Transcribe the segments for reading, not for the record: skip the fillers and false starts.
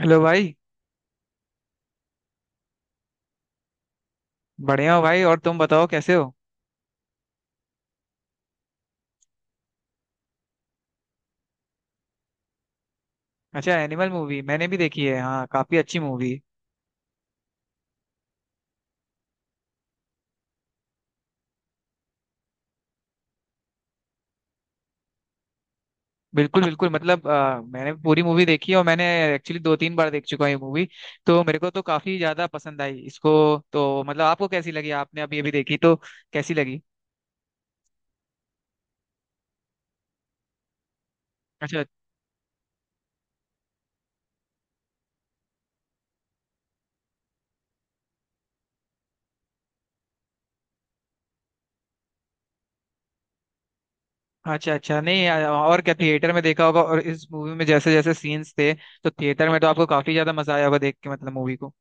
Hello भाई। बढ़िया हो भाई, और तुम बताओ कैसे हो। अच्छा, एनिमल मूवी मैंने भी देखी है, हाँ काफी अच्छी मूवी। बिल्कुल बिल्कुल मतलब मैंने भी पूरी मूवी देखी है, और मैंने एक्चुअली दो तीन बार देख चुका हूँ ये मूवी। तो मेरे को तो काफी ज्यादा पसंद आई इसको। तो मतलब आपको कैसी लगी? आपने अभी अभी देखी तो कैसी लगी? अच्छा अच्छा अच्छा, नहीं और क्या, थिएटर में देखा होगा, और इस मूवी में जैसे जैसे सीन्स थे, तो थिएटर में तो आपको काफी ज्यादा मजा आया होगा देख के, मतलब मूवी को।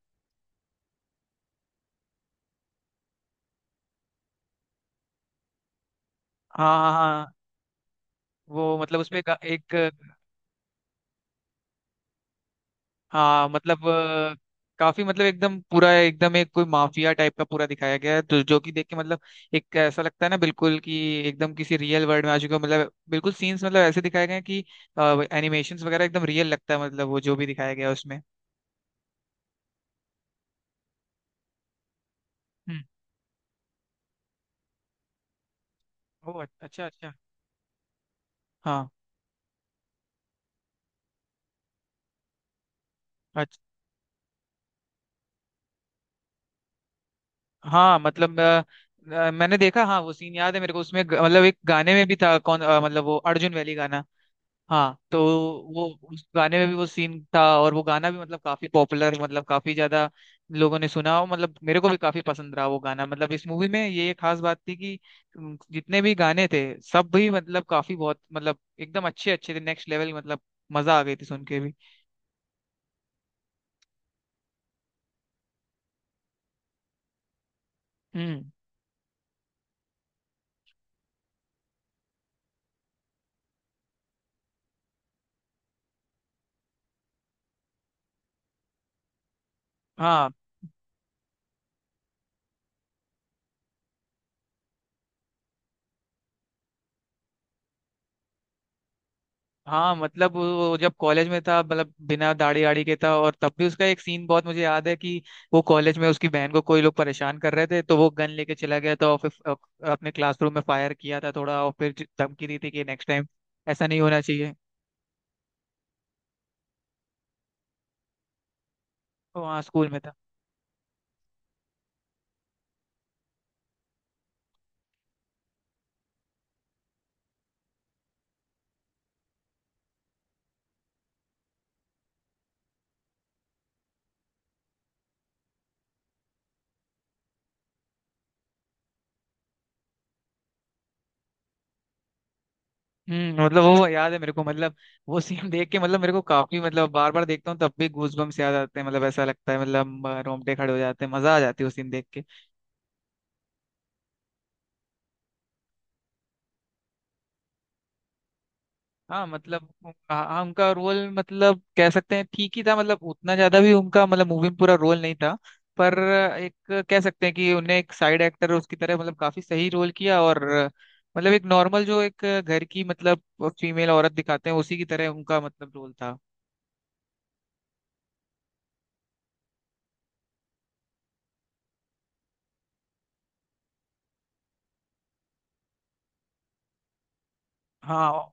हाँ हाँ हाँ। वो मतलब उसमें एक। हाँ मतलब काफी मतलब एकदम पूरा, एकदम एक कोई माफिया टाइप का पूरा दिखाया गया है, तो जो कि देख के मतलब एक ऐसा लगता है ना, बिल्कुल कि एकदम किसी रियल वर्ल्ड में आ चुके हो, मतलब बिल्कुल सीन्स मतलब ऐसे दिखाए गए हैं कि एनिमेशंस वगैरह एकदम रियल लगता है, मतलब वो जो भी दिखाया गया है उसमें। हम्म। ओ, अच्छा अच्छा। हाँ, अच्छा। हाँ मतलब मैंने देखा, हाँ वो सीन याद है मेरे को उसमें मतलब एक गाने में भी था कौन, मतलब वो अर्जुन वैली गाना। हाँ तो वो, उस गाने में भी वो सीन था, और वो गाना भी मतलब काफी पॉपुलर, मतलब काफी ज्यादा लोगों ने सुना, और मतलब मेरे को भी काफी पसंद रहा वो गाना। मतलब इस मूवी में ये एक खास बात थी कि जितने भी गाने थे सब भी मतलब काफी बहुत, मतलब एकदम अच्छे अच्छे थे नेक्स्ट लेवल, मतलब मजा आ गई थी सुन के भी। हम्म। हाँ हाँ मतलब वो जब कॉलेज में था मतलब बिना दाढ़ी आड़ी के था, और तब भी उसका एक सीन बहुत मुझे याद है कि वो कॉलेज में उसकी बहन को कोई लोग परेशान कर रहे थे, तो वो गन लेके चला गया था और फिर अपने क्लासरूम में फायर किया था थोड़ा, और फिर धमकी दी थी कि नेक्स्ट टाइम ऐसा नहीं होना चाहिए। तो वहाँ स्कूल में था। मतलब वो याद है मेरे को, मतलब वो सीन देख के मतलब मेरे को काफी मतलब बार बार देखता हूँ तब भी गूज बम्स याद आते हैं, मतलब ऐसा लगता है मतलब रोंगटे खड़े हो जाते हैं, मजा आ जाती है वो सीन देख के। हाँ मतलब हाँ उनका रोल मतलब कह सकते हैं ठीक ही था, मतलब उतना ज्यादा भी उनका मतलब मूवी में पूरा रोल नहीं था। पर एक कह सकते हैं कि उन्हें एक साइड एक्टर उसकी तरह मतलब काफी सही रोल किया, और मतलब एक नॉर्मल जो एक घर की मतलब फीमेल औरत दिखाते हैं उसी की तरह उनका मतलब रोल था। हाँ,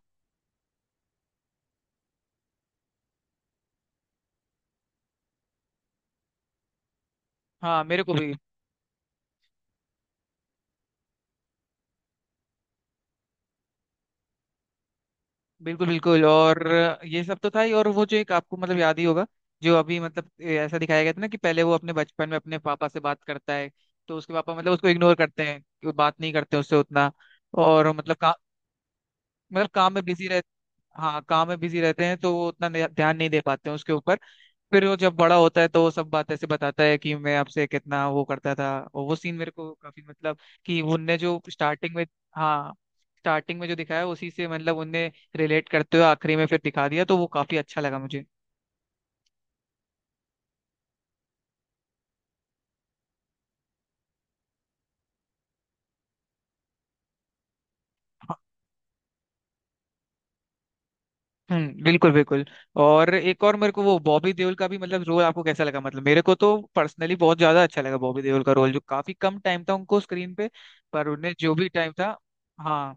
हाँ मेरे को भी। बिल्कुल बिल्कुल। और ये सब तो था ही, और वो जो एक आपको मतलब याद ही होगा, जो अभी मतलब ऐसा दिखाया गया था ना कि पहले वो अपने बचपन में अपने पापा से बात करता है, तो उसके पापा मतलब उसको इग्नोर करते हैं कि वो बात नहीं करते उससे उतना, और मतलब मतलब काम में बिजी रह। हाँ काम में बिजी रहते हैं, तो वो उतना ध्यान नहीं दे पाते हैं उसके ऊपर। फिर वो जब बड़ा होता है तो वो सब बात ऐसे बताता है कि मैं आपसे कितना वो करता था, और वो सीन मेरे को काफी मतलब कि उनने जो स्टार्टिंग में, हाँ स्टार्टिंग में जो दिखाया उसी से मतलब उनने रिलेट करते हुए आखिरी में फिर दिखा दिया, तो वो काफी अच्छा लगा मुझे। हम्म। बिल्कुल बिल्कुल। और एक और मेरे को वो बॉबी देओल का भी मतलब रोल आपको कैसा लगा? मतलब मेरे को तो पर्सनली बहुत ज्यादा अच्छा लगा बॉबी देओल का रोल, जो काफी कम टाइम था उनको स्क्रीन पे, पर उन्हें जो भी टाइम था, हाँ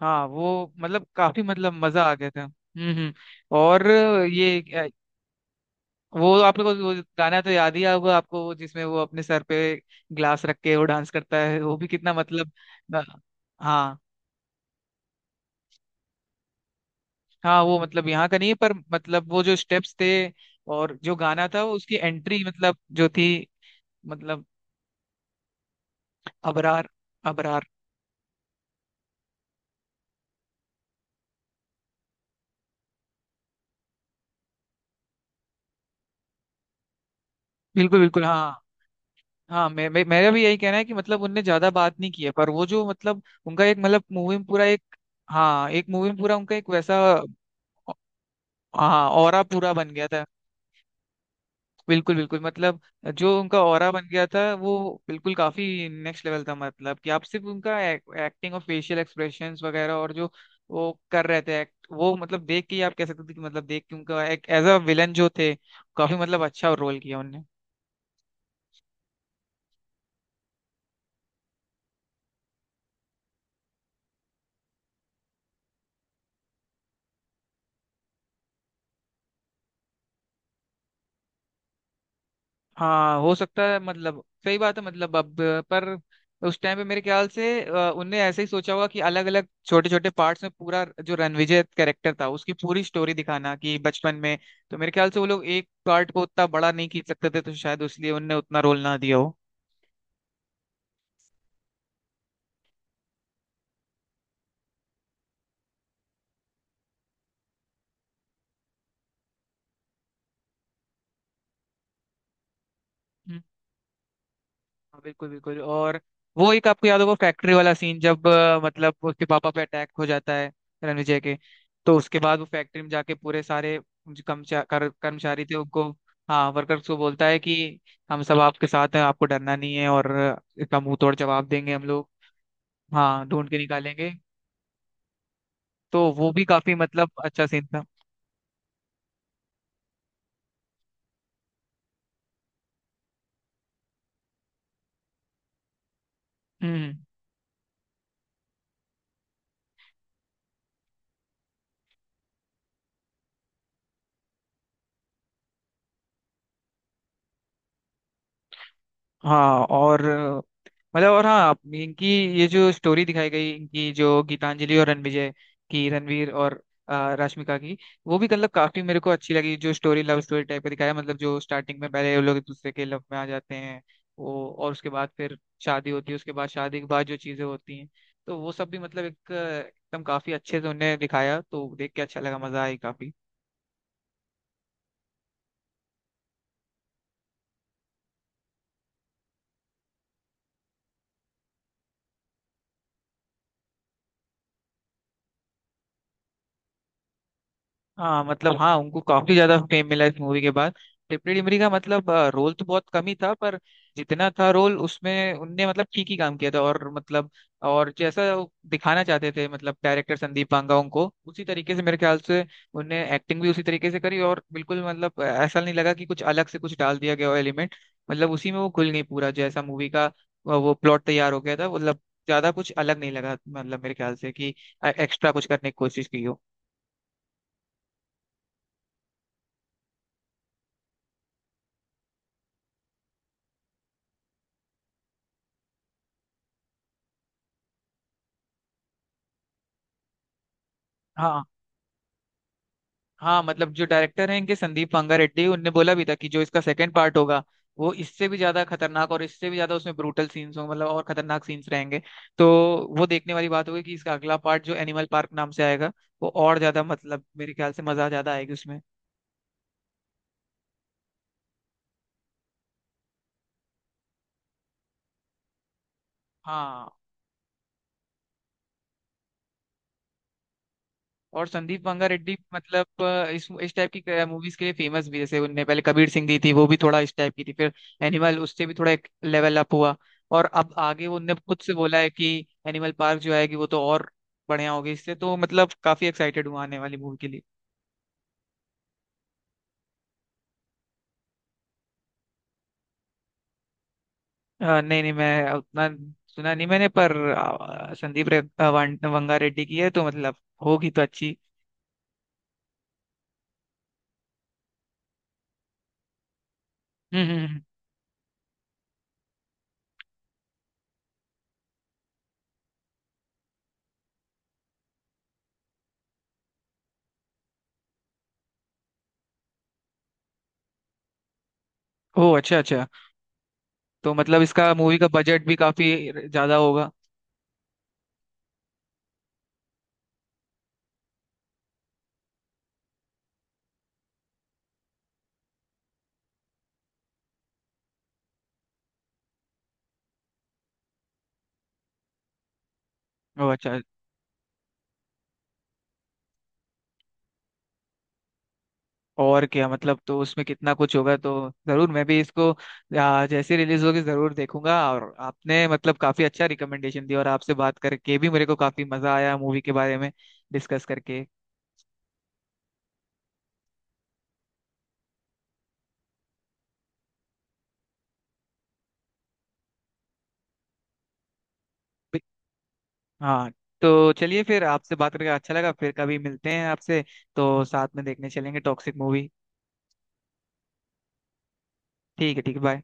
हाँ वो मतलब काफी मतलब मजा आ गया था। हम्म। और ये वो आप लोगों को वो गाना तो याद ही होगा आपको, वो जिसमें वो अपने सर पे ग्लास रख के वो डांस करता है, वो भी कितना मतलब, अ, हाँ। हाँ वो मतलब यहाँ का नहीं है, पर मतलब वो जो स्टेप्स थे, और जो गाना था वो उसकी एंट्री मतलब जो थी, मतलब अबरार अबरार। बिल्कुल बिल्कुल हाँ। हाँ मैं मेरा भी यही कहना है कि मतलब उनने ज्यादा बात नहीं की है, पर वो जो मतलब उनका एक मतलब मूवी में पूरा एक, हाँ एक मूवी में पूरा उनका एक वैसा, हाँ ऑरा पूरा बन गया था। बिल्कुल बिल्कुल मतलब जो उनका ऑरा बन गया था वो बिल्कुल काफी नेक्स्ट लेवल था, मतलब कि आप सिर्फ उनका एक्टिंग और फेशियल एक्सप्रेशंस वगैरह, और जो वो कर रहे थे एक्ट, वो मतलब देख के ही आप कह सकते थे कि मतलब देख के उनका एक एज अ विलन जो थे काफी मतलब अच्छा रोल किया उनने। हाँ हो सकता है, मतलब सही बात है मतलब अब, पर उस टाइम पे मेरे ख्याल से उनने ऐसे ही सोचा होगा कि अलग अलग छोटे छोटे पार्ट्स में पूरा जो रणविजय कैरेक्टर था उसकी पूरी स्टोरी दिखाना कि बचपन में, तो मेरे ख्याल से वो लोग एक पार्ट को उतना बड़ा नहीं खींच सकते थे, तो शायद उसलिए उनने उतना रोल ना दिया हो। हाँ, बिल्कुल बिल्कुल। और वो एक आपको याद होगा फैक्ट्री वाला सीन, जब मतलब उसके पापा पे अटैक हो जाता है रणविजय के, तो उसके बाद वो फैक्ट्री में जाके पूरे सारे जो कर्मचारी थे उनको, हाँ वर्कर्स को बोलता है कि हम सब आपके साथ हैं, आपको डरना नहीं है, और इसका मुंह तोड़ जवाब देंगे हम लोग। हाँ ढूंढ के निकालेंगे। तो वो भी काफी मतलब अच्छा सीन था। हम्म हाँ और मतलब और हाँ इनकी, ये जो स्टोरी दिखाई गई इनकी जो गीतांजलि और रणविजय की, रणवीर और रश्मिका की, वो भी मतलब काफी मेरे को अच्छी लगी, जो स्टोरी लव स्टोरी टाइप का दिखाया, मतलब जो स्टार्टिंग में पहले वो लोग एक दूसरे के लव में आ जाते हैं वो, और उसके बाद फिर शादी होती है, उसके बाद शादी के बाद जो चीजें होती हैं, तो वो सब भी मतलब एक एकदम काफी अच्छे से उन्हें दिखाया, तो देख के अच्छा लगा, मजा आई काफी। हाँ मतलब हाँ उनको काफी ज्यादा फेम मिला इस मूवी के बाद। टिपरी डिमरी का मतलब रोल तो बहुत कम ही था, पर जितना था रोल उसमें उनने मतलब ठीक ही काम किया था, और मतलब, और जैसा वो दिखाना चाहते थे मतलब डायरेक्टर संदीप पांगा, उनको उसी तरीके से मेरे ख्याल से उनने एक्टिंग भी उसी तरीके से करी, और बिल्कुल मतलब ऐसा नहीं लगा कि कुछ अलग से कुछ डाल दिया गया हो एलिमेंट, मतलब उसी में वो घुल गई पूरा जैसा मूवी का वो प्लॉट तैयार हो गया था, मतलब ज्यादा कुछ अलग नहीं लगा, मतलब मेरे ख्याल से कि एक्स्ट्रा कुछ करने की कोशिश की हो। हाँ। हाँ मतलब जो डायरेक्टर हैं इनके संदीप रंगारेड्डी, उनने बोला भी था कि जो इसका सेकंड पार्ट होगा, वो इससे भी ज्यादा खतरनाक और इससे भी ज्यादा उसमें ब्रूटल सीन्स होंगे, मतलब और खतरनाक सीन्स रहेंगे। तो वो देखने वाली बात होगी कि इसका अगला पार्ट जो एनिमल पार्क नाम से आएगा, वो और ज्यादा मतलब मेरे ख्याल से मजा ज्यादा आएगी उसमें। हाँ। और संदीप मंगा रेड्डी मतलब इस टाइप की मूवीज के लिए फेमस भी है। जैसे उनने पहले कबीर सिंह दी थी वो भी थोड़ा इस टाइप की थी, फिर एनिमल उससे भी थोड़ा एक लेवल अप हुआ, और अब आगे वो उनने खुद से बोला है कि एनिमल पार्क जो आएगी वो तो और बढ़िया होगी इससे, तो मतलब काफी एक्साइटेड हूँ आने वाली मूवी के लिए। नहीं नहीं, मैं उतना सुना नहीं मैंने, पर संदीप रे, अ, वां- वंगा रेड्डी की है तो मतलब होगी तो अच्छी। हम्म हम्म हम्म। ओह अच्छा अच्छा। तो मतलब इसका मूवी का बजट भी काफी ज्यादा होगा। ओह अच्छा। और क्या मतलब, तो उसमें कितना कुछ होगा, तो जरूर मैं भी इसको जैसे रिलीज होगी जरूर देखूंगा, और आपने मतलब काफी अच्छा रिकमेंडेशन दिया, और आपसे बात करके भी मेरे को काफी मजा आया मूवी के बारे में डिस्कस करके। भी- हाँ तो चलिए, फिर आपसे बात करके अच्छा लगा, फिर कभी मिलते हैं आपसे, तो साथ में देखने चलेंगे टॉक्सिक मूवी। ठीक है ठीक है, बाय।